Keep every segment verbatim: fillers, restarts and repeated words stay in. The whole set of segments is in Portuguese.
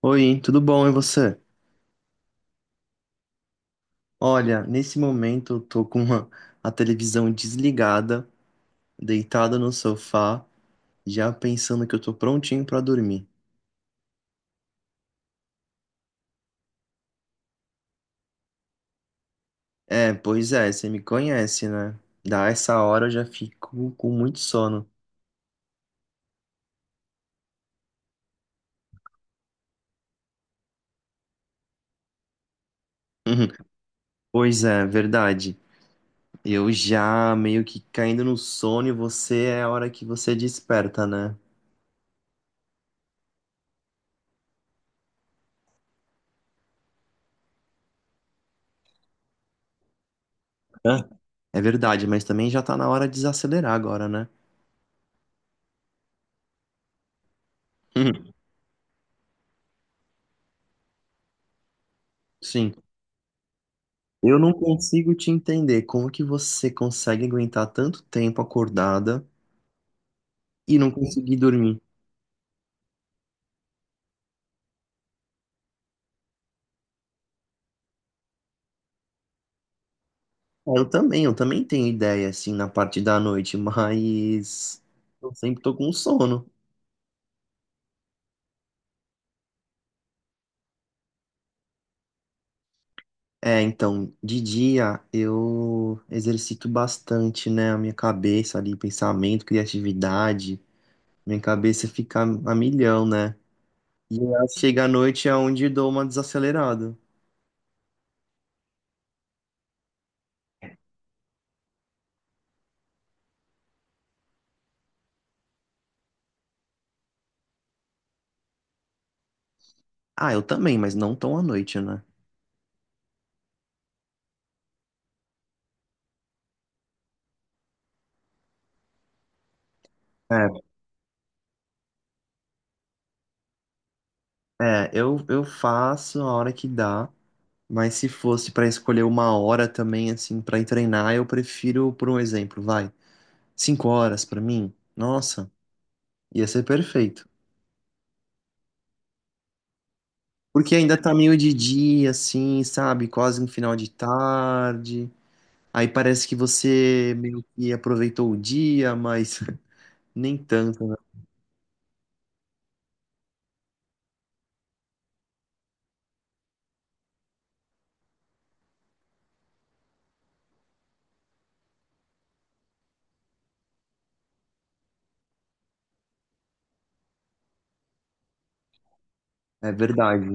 Oi, tudo bom? E você? Olha, nesse momento eu tô com uma- a televisão desligada, deitada no sofá, já pensando que eu tô prontinho pra dormir. É, pois é, você me conhece, né? Da essa hora eu já fico com muito sono. Pois é, verdade. Eu já meio que caindo no sono e você é a hora que você desperta, né? Hã? É verdade, mas também já tá na hora de desacelerar agora, né? Sim. Eu não consigo te entender como que você consegue aguentar tanto tempo acordada e não conseguir dormir. É, eu também, eu também tenho ideia, assim, na parte da noite, mas eu sempre tô com sono. É, então, de dia eu exercito bastante, né, a minha cabeça ali, pensamento, criatividade. Minha cabeça fica a milhão, né? E aí chega à noite é onde eu dou uma desacelerada. Ah, eu também, mas não tão à noite, né? É. É, eu, eu faço a hora que dá, mas se fosse pra escolher uma hora também, assim, pra ir treinar, eu prefiro, por um exemplo, vai, cinco horas pra mim, nossa, ia ser perfeito. Porque ainda tá meio de dia, assim, sabe, quase no final de tarde, aí parece que você meio que aproveitou o dia, mas nem tanto, né? É verdade.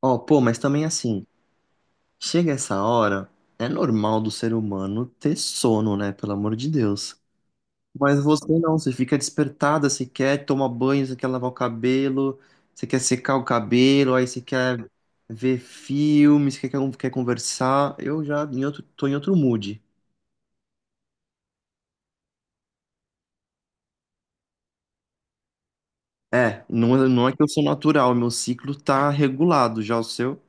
Ó, pô, mas também assim, chega essa hora, é normal do ser humano ter sono, né, pelo amor de Deus. Mas você não, você fica despertada, você quer tomar banho, você quer lavar o cabelo, você quer secar o cabelo, aí você quer ver filmes, quer, quer, quer conversar. Eu já em outro, tô em outro mood. É, não, é- não é que eu sou natural, meu ciclo tá regulado, já o seu.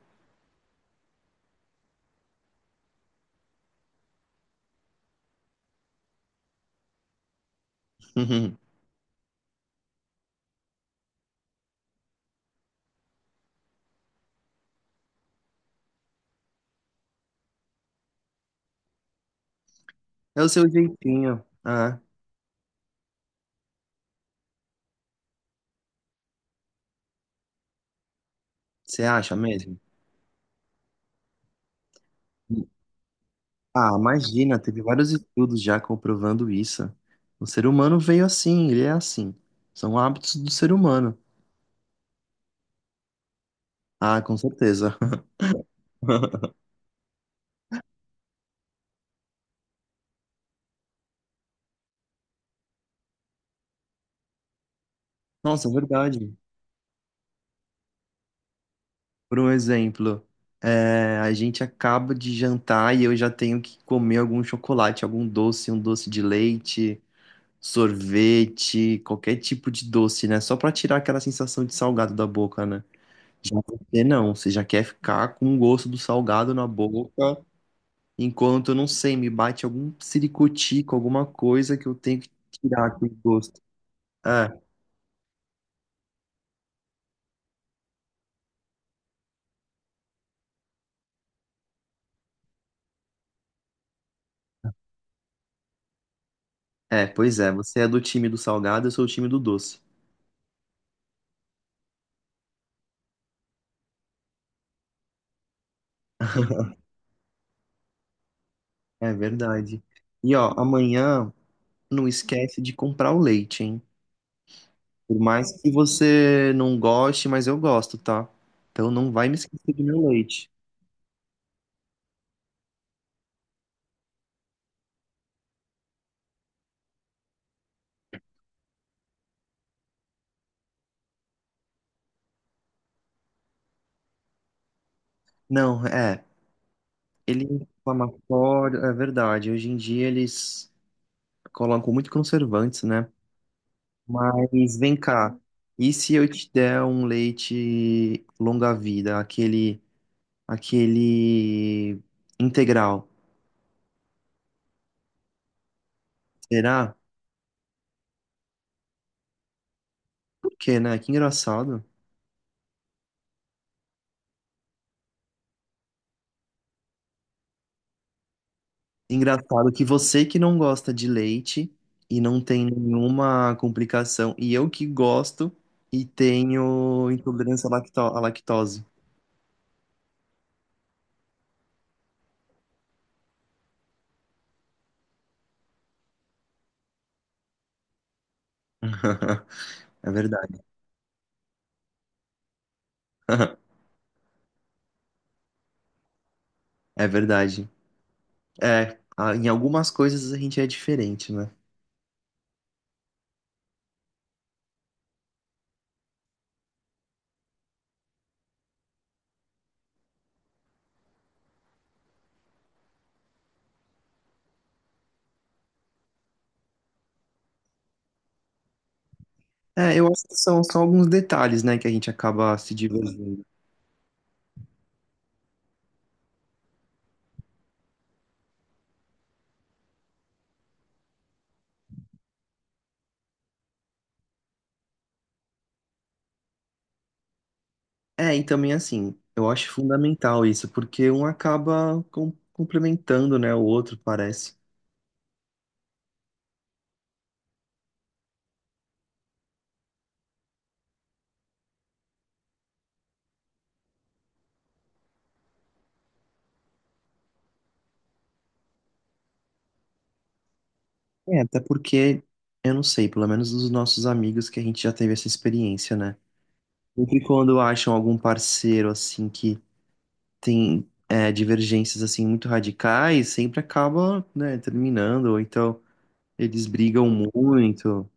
É o seu jeitinho. É, você acha mesmo? Ah, imagina, teve vários estudos já comprovando isso. O ser humano veio assim, ele é assim. São hábitos do ser humano. Ah, com certeza. Nossa, é verdade. Por um exemplo, é, a gente acaba de jantar e eu já tenho que comer algum chocolate, algum doce, um doce de leite, sorvete, qualquer tipo de doce, né? Só pra tirar aquela sensação de salgado da boca, né? Já você não, você já quer ficar com o gosto do salgado na boca, enquanto, não sei, me bate algum siricutico, alguma coisa que eu tenho que tirar aquele gosto. É, é, pois é, você é do time do salgado, eu sou o time do doce. É verdade. E ó, amanhã não esquece de comprar o leite, hein? Por mais que você não goste, mas eu gosto, tá? Então não vai me esquecer do meu leite. Não, é. Ele é inflamatório, é verdade. Hoje em dia eles colocam muito conservantes, né? Mas vem cá. E se eu te der um leite longa-vida, aquele, aquele integral? Será? Por quê, né? Que engraçado. Engraçado que você que não gosta de leite e não tem nenhuma complicação, e eu que gosto e tenho intolerância à lacto- à lactose. É verdade. É verdade. É, a- em algumas coisas a gente é diferente, né? É, eu acho que são só alguns detalhes, né, que a gente acaba se divergindo. É, e também assim, eu acho fundamental isso, porque um acaba com- complementando, né, o outro, parece. É, até porque, eu não sei, pelo menos dos nossos amigos que a gente já teve essa experiência, né? Sempre quando acham algum parceiro, assim, que tem é, divergências, assim, muito radicais, sempre acaba, né, terminando, ou então eles brigam muito.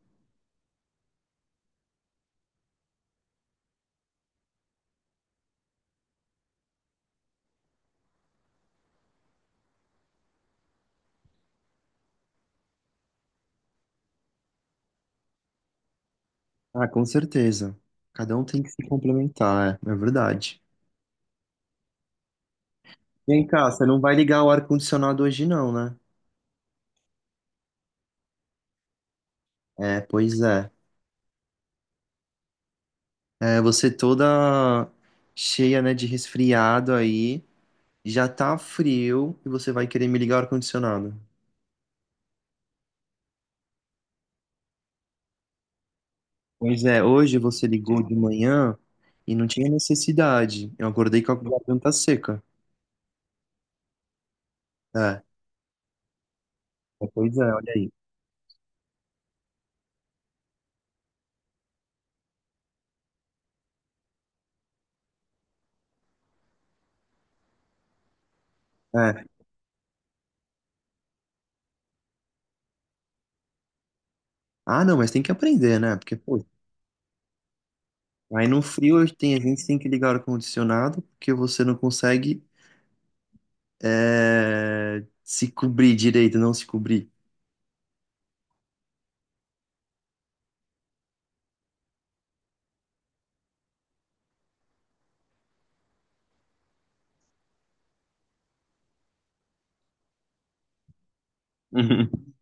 Ah, com certeza. Cada um tem que se complementar, é, é verdade. Vem cá, você não vai ligar o ar-condicionado hoje não, né? É, pois é. É, você toda cheia, né, de resfriado aí. Já tá frio e você vai querer me ligar o ar-condicionado. Pois é, hoje você ligou de manhã e não tinha necessidade. Eu acordei com a garganta seca. É, é, pois é, olha aí. É. Ah, não, mas tem que aprender, né? Porque, pô, aí no frio a gente tem, a gente tem que ligar o ar-condicionado porque você não consegue é, se cobrir direito, não se cobrir.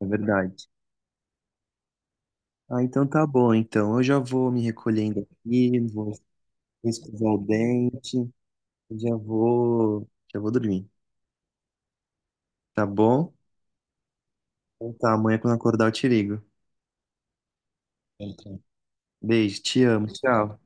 É verdade. Ah, então tá bom. Então eu já vou me recolhendo aqui, vou escovar o dente. Eu já vou, já vou dormir, tá bom? Então tá, amanhã quando acordar eu te ligo. Beleza. Beijo, te amo, tchau.